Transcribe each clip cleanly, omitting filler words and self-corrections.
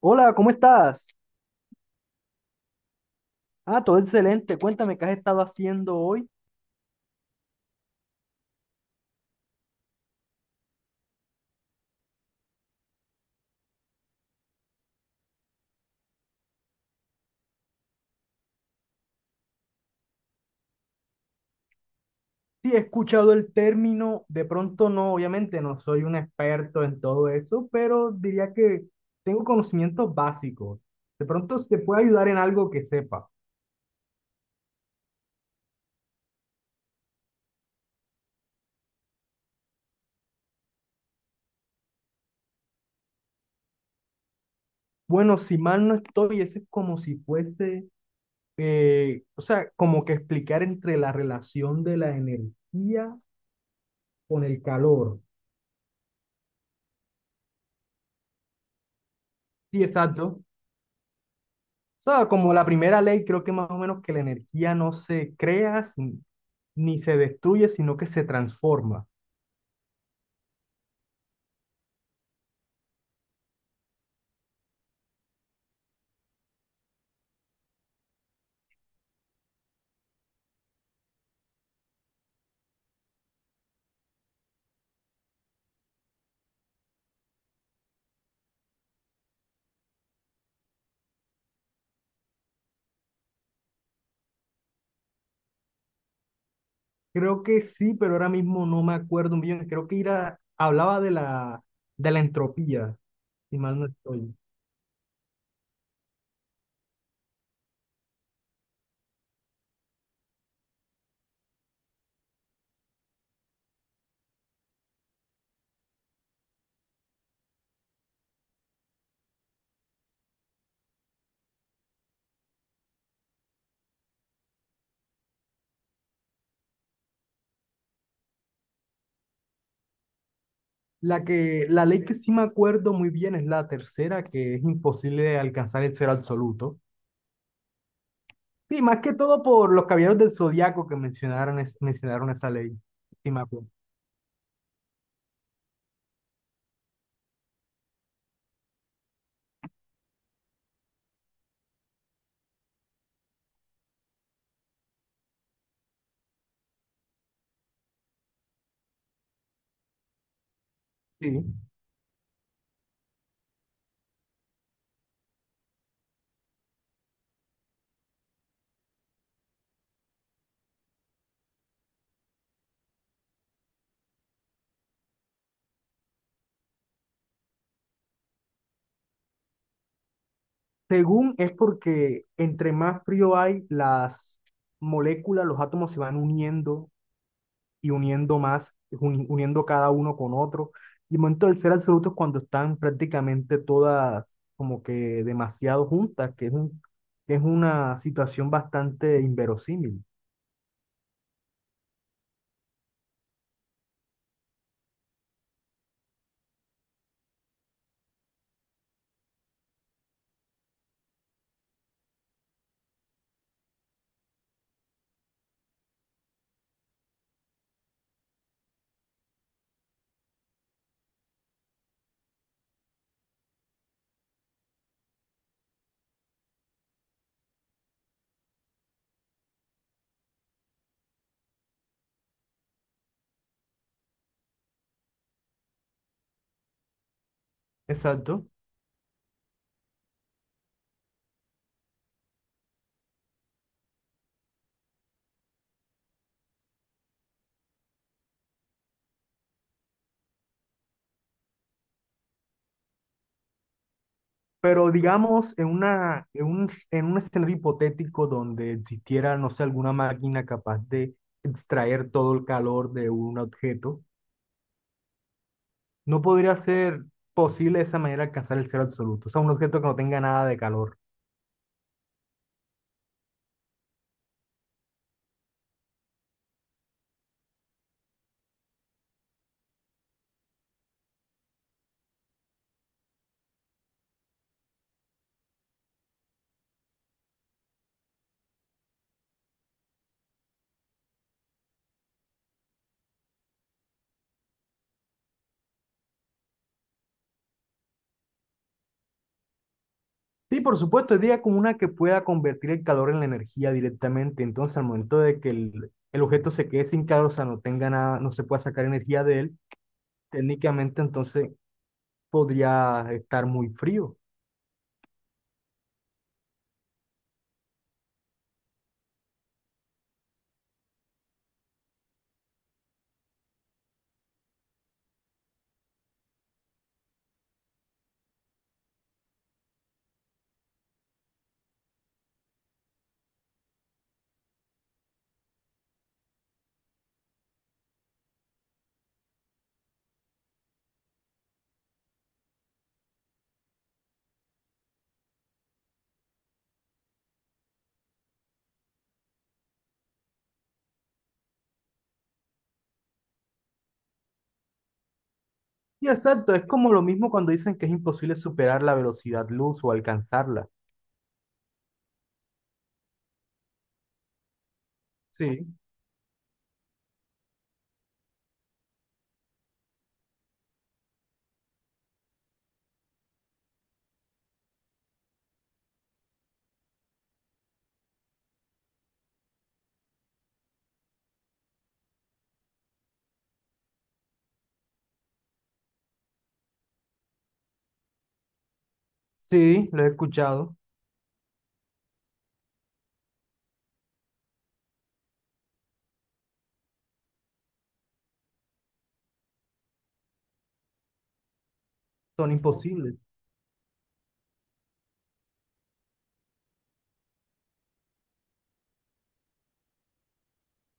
Hola, ¿cómo estás? Ah, todo excelente. Cuéntame qué has estado haciendo hoy. Sí, he escuchado el término, de pronto no, obviamente no soy un experto en todo eso, pero diría que tengo conocimientos básicos. De pronto se te puede ayudar en algo que sepa. Bueno, si mal no estoy, ese es como si fuese, o sea, como que explicar entre la relación de la energía con el calor. Sí, exacto. O sea, como la primera ley, creo que más o menos que la energía no se crea sin- ni se destruye, sino que se transforma. Creo que sí, pero ahora mismo no me acuerdo bien. Creo que era, hablaba de la entropía, si mal no estoy. La ley que sí me acuerdo muy bien es la tercera, que es imposible alcanzar el cero absoluto. Sí, más que todo por los caballeros del zodiaco que mencionaron, mencionaron esa ley. Sí, me acuerdo. Sí. Según es porque entre más frío hay, las moléculas, los átomos se van uniendo y uniendo más, uniendo cada uno con otro. Y el momento del ser absoluto es cuando están prácticamente todas como que demasiado juntas, que es una situación bastante inverosímil. Exacto. Pero digamos, en un escenario hipotético donde existiera, no sé, alguna máquina capaz de extraer todo el calor de un objeto. No podría ser posible de esa manera alcanzar el cero absoluto, o sea, un objeto que no tenga nada de calor. Sí, por supuesto, diría como una que pueda convertir el calor en la energía directamente. Entonces, al momento de que el objeto se quede sin calor, o sea, no tenga nada, no se pueda sacar energía de él, técnicamente entonces podría estar muy frío. Y exacto, es como lo mismo cuando dicen que es imposible superar la velocidad luz o alcanzarla. Sí, sí, lo he escuchado, son imposibles.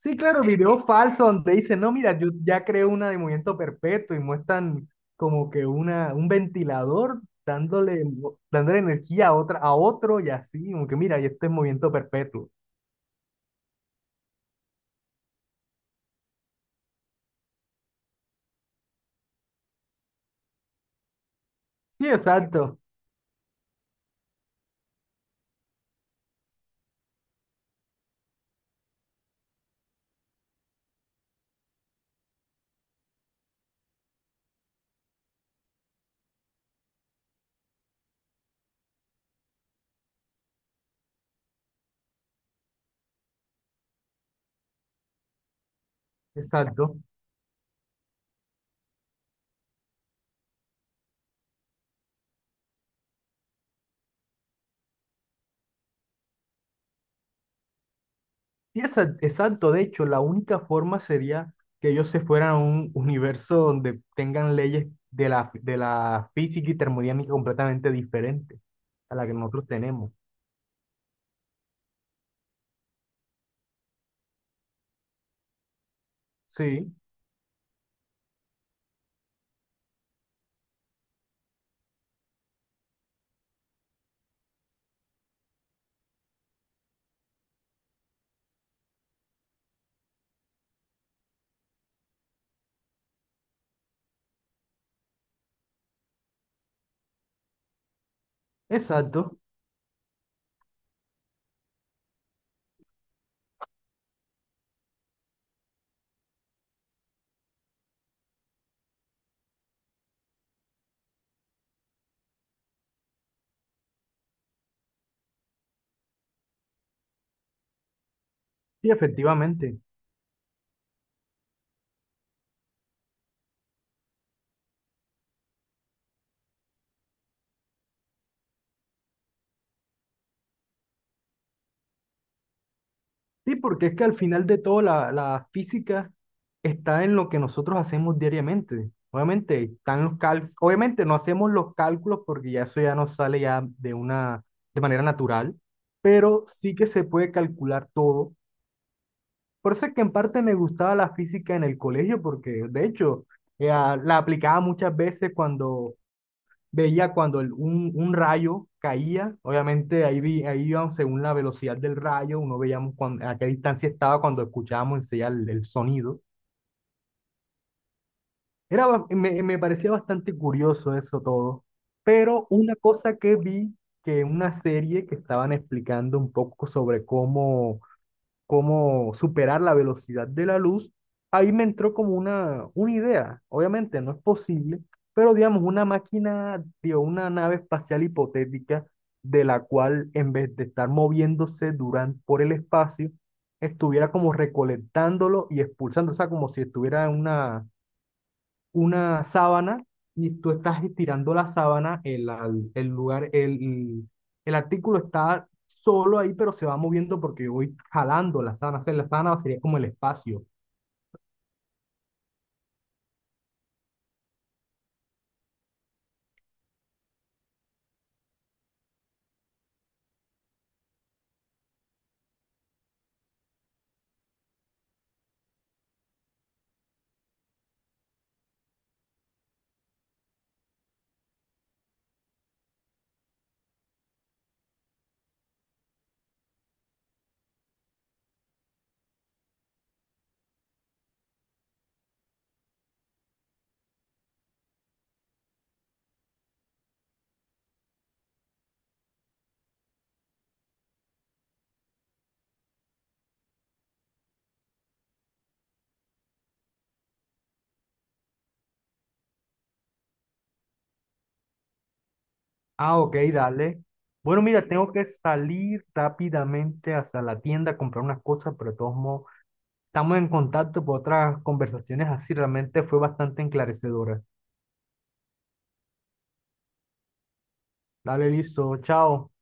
Sí, claro, video falso donde dicen, no, mira, yo ya creo una de movimiento perpetuo y muestran como que una, un ventilador dándole, dándole energía a otra, a otro y así, como que mira, y este es movimiento perpetuo. Sí, exacto, exacto. Sí, exacto. De hecho, la única forma sería que ellos se fueran a un universo donde tengan leyes de la física y termodinámica completamente diferentes a la que nosotros tenemos. Sí, exacto. Sí, efectivamente. Sí, porque es que al final de todo la, la física está en lo que nosotros hacemos diariamente. Obviamente están los cálculos, obviamente no hacemos los cálculos porque ya eso ya nos sale ya de una de manera natural, pero sí que se puede calcular todo. Por eso es que en parte me gustaba la física en el colegio porque de hecho la aplicaba muchas veces cuando veía cuando un rayo caía, obviamente ahí, ahí íbamos según la velocidad del rayo, uno veíamos a qué distancia estaba cuando escuchábamos enseguida el sonido. Era, me, me parecía bastante curioso eso todo, pero una cosa que vi, que en una serie que estaban explicando un poco sobre cómo superar la velocidad de la luz, ahí me entró como una idea. Obviamente no es posible, pero digamos, una máquina, digo, una nave espacial hipotética de la cual en vez de estar moviéndose durante, por el espacio, estuviera como recolectándolo y expulsando, o sea, como si estuviera en una sábana y tú estás estirando la sábana, el lugar, el artículo está solo ahí, pero se va moviendo porque yo voy jalando la sábana. O sea, la sábana sería como el espacio. Ah, ok, dale. Bueno, mira, tengo que salir rápidamente hacia la tienda a comprar unas cosas, pero de todos modos, estamos en contacto por otras conversaciones así. Realmente fue bastante enclarecedora. Dale, listo, chao.